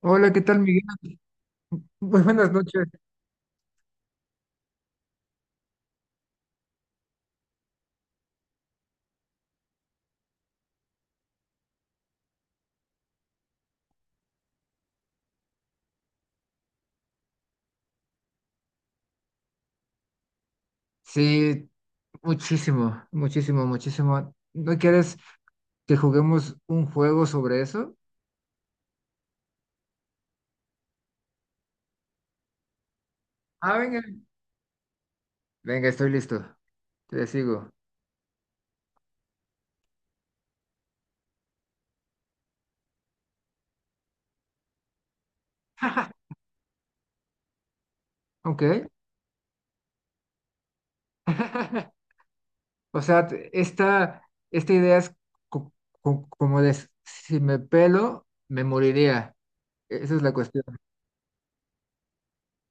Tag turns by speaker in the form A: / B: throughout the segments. A: Hola, ¿qué tal, Miguel? Muy buenas noches. Sí, muchísimo, muchísimo, muchísimo. ¿No quieres que juguemos un juego sobre eso? Ah, venga. Venga, estoy listo. Te sigo. Ok. O sea, esta, esta idea es co- como de si me pelo, me moriría. Esa es la cuestión. O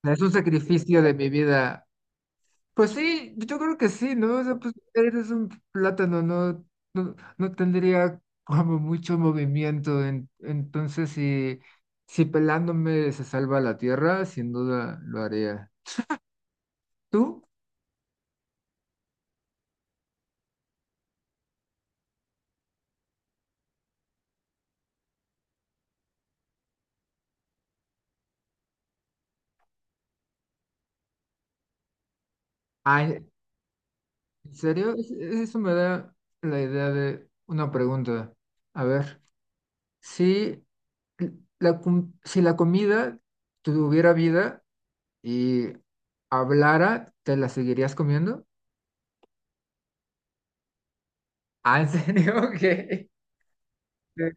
A: sea, es un sacrificio de mi vida. Pues sí, yo creo que sí, ¿no? O sea, pues eres un plátano, no tendría como mucho movimiento. Entonces, si, si pelándome se salva la tierra, sin duda lo haría. ¿Tú? Ay, ¿en serio? Eso me da la idea de una pregunta. A ver, si la, si la comida tuviera vida y hablara, ¿te la seguirías comiendo? Ah, ¿en serio? ¿Qué?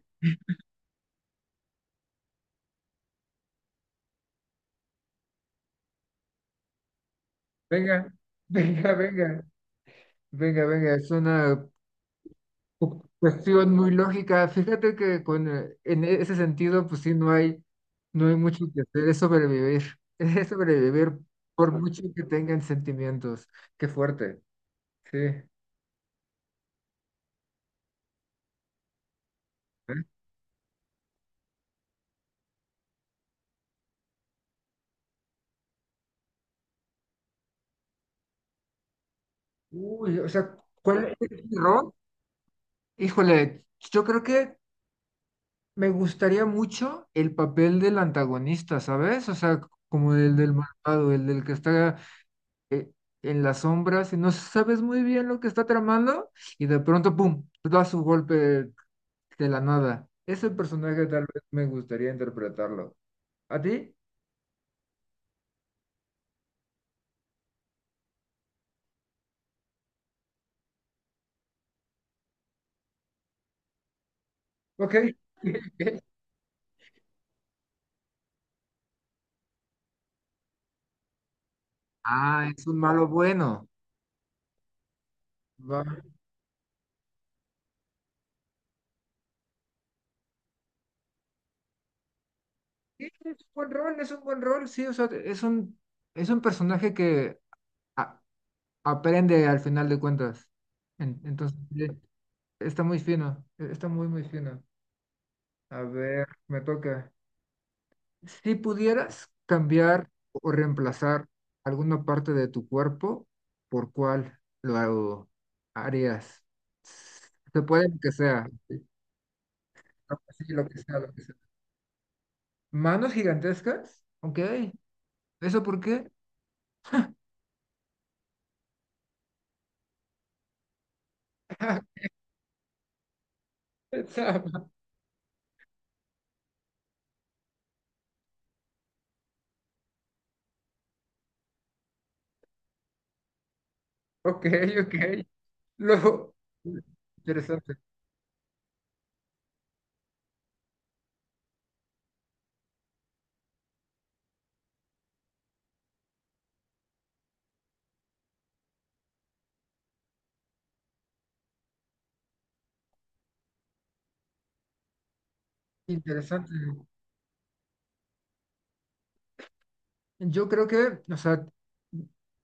A: Venga, venga, venga, venga, venga, es una cuestión muy lógica. Fíjate que con, en ese sentido, pues sí, no hay, no hay mucho que hacer, es sobrevivir, es sobrevivir por mucho que tengan sentimientos. Qué fuerte, sí. ¿Eh? Uy, o sea, ¿cuál es mi rol? Híjole, yo creo que me gustaría mucho el papel del antagonista, ¿sabes? O sea, como el del malvado, el del que está eh, en las sombras y no sabes muy bien lo que está tramando y de pronto, ¡pum!, da su golpe de la nada. Ese personaje tal vez me gustaría interpretarlo. ¿A ti? Ok, ok. Ah, es un malo bueno. Va. Sí, es un buen rol, es un buen rol, sí, o sea, es un personaje que a- aprende al final de cuentas. Entonces, sí, está muy fino, e, está muy, muy fino. A ver, me toca. Si pudieras cambiar o reemplazar alguna parte de tu cuerpo, ¿por cuál lo harías? Se puede lo que sea. Sí, sí, lo que sea, lo que sea. ¿Manos gigantescas? Ok. ¿Eso por qué? Pensaba. Ok, ok. Luego, interesante, interesante. Yo creo que, o sea,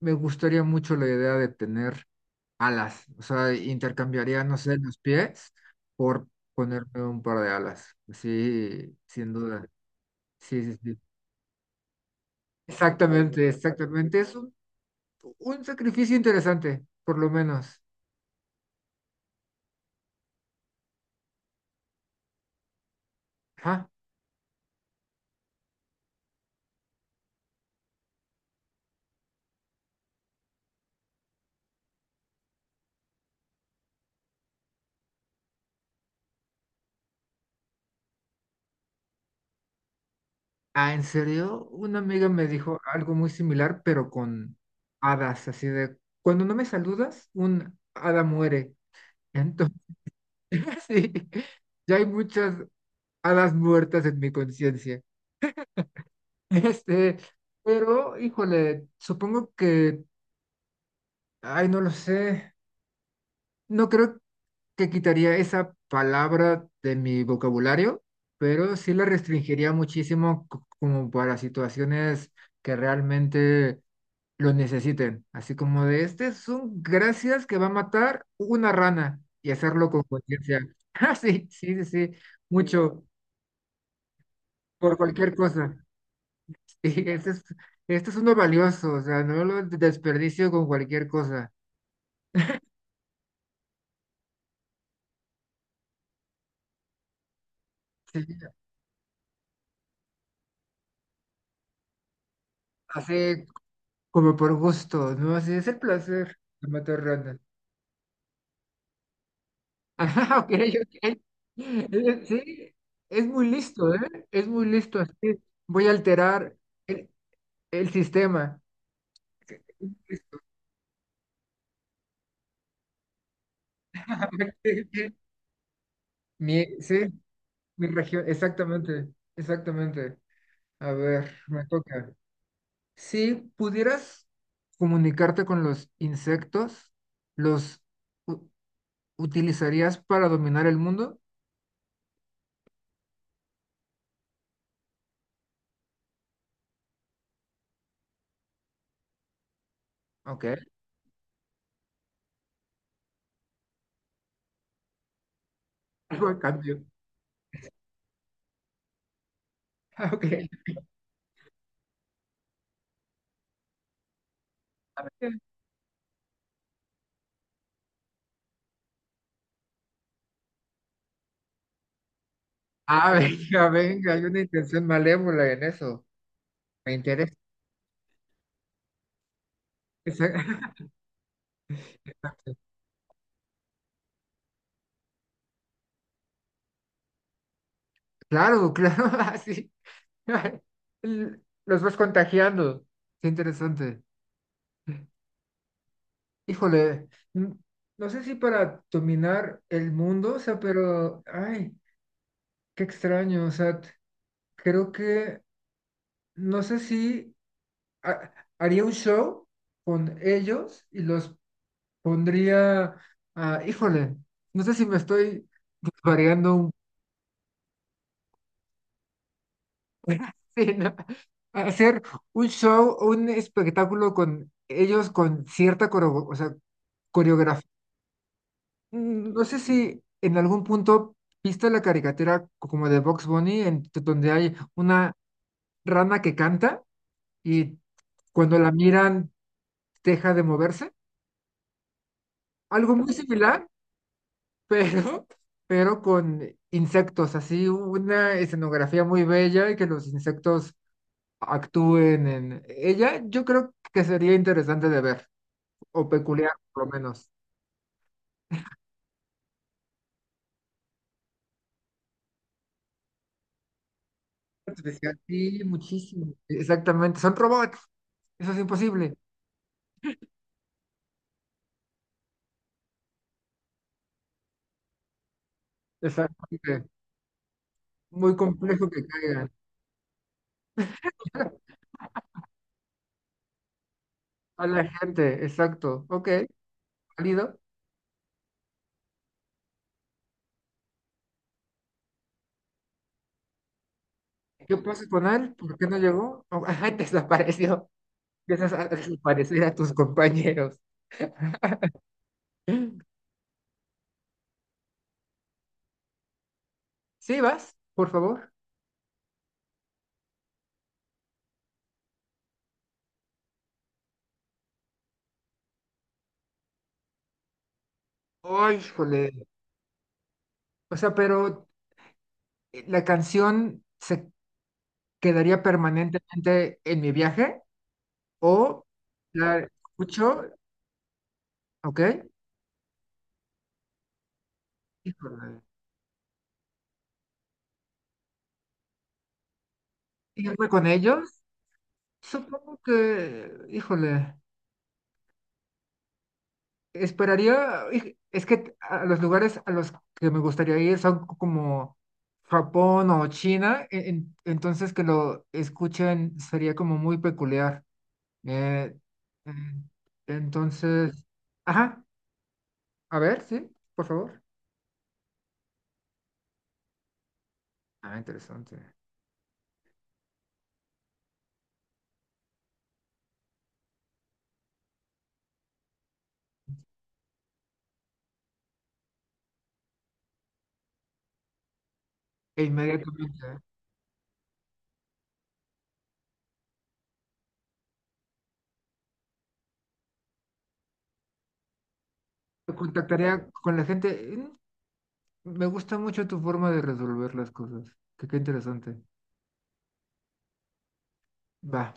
A: me gustaría mucho la idea de tener alas. O sea, intercambiaría, no sé, los pies por ponerme un par de alas. Sí, sin duda. Sí, sí, sí. Exactamente, exactamente. Es un sacrificio interesante, por lo menos. Ajá. Ah, ¿en serio? Una amiga me dijo algo muy similar, pero con hadas, así de, cuando no me saludas, un hada muere. Entonces, sí, ya hay muchas hadas muertas en mi conciencia. Este, pero, híjole, supongo que, ay, no lo sé. No creo que quitaría esa palabra de mi vocabulario, pero sí la restringiría muchísimo como para situaciones que realmente lo necesiten. Así como de, este es un gracias que va a matar una rana y hacerlo con conciencia. Ah, sí, sí, sí, sí, mucho, por cualquier cosa. Y este es uno valioso, o sea, no lo desperdicio con cualquier cosa. Sí, así como por gusto, ¿no? Así es el placer de matar ranas. Ajá, ok, ok. Sí, es muy listo, ¿eh? Es muy listo, así. Voy a alterar el, el sistema. Mi, sí, mi región, exactamente, exactamente. A ver, me toca. Si pudieras comunicarte con los insectos, ¿los u- utilizarías para dominar el mundo? Ok, algo a cambio. Ok. Ah, venga, venga, hay una intención malévola en eso. Me interesa. Esa- Claro, claro, así. L- Los vas contagiando. Qué interesante. Híjole, n- no sé si para dominar el mundo, o sea, pero, ay, qué extraño, o sea, creo que, no sé si ha- haría un show con ellos y los pondría a, híjole, no sé si me estoy variando un sí, ¿no? A hacer un show o un espectáculo con ellos con cierta o sea, coreografía. Mm, no sé si en algún punto viste la caricatura como de Box Bunny, en, donde hay una rana que canta y cuando la miran deja de moverse. Algo muy similar, pero, pero con insectos, así una escenografía muy bella y que los insectos actúen en ella, yo creo que sería interesante de ver, o peculiar por lo menos. Artificial, sí, muchísimo. Exactamente, son robots, eso es imposible. Exactamente, muy complejo que caigan. A la gente, exacto. Ok, válido. ¿Qué pasa con él? ¿Por qué no llegó? Oh, ajá, desapareció. Empiezas a desaparecer a tus compañeros. Sí, vas, por favor. Ay, híjole. O sea, pero ¿la canción se quedaría permanentemente en mi viaje? ¿O la escucho? ¿Ok? Híjole. ¿Irme con ellos? Supongo que, híjole, esperaría, es que a los lugares a los que me gustaría ir son como Japón o China, entonces que lo escuchen sería como muy peculiar. Eh, mm, entonces, ajá, a ver, sí, por favor. Ah, interesante. E inmediatamente contactaría con la gente. Mm, me gusta mucho tu forma de resolver las cosas. Que qué interesante. Va.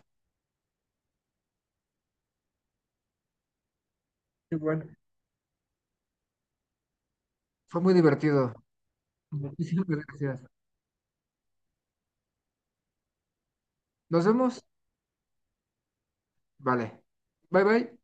A: Qué bueno. Fue muy divertido. Muchísimas gracias. Nos vemos. Vale. Bye bye.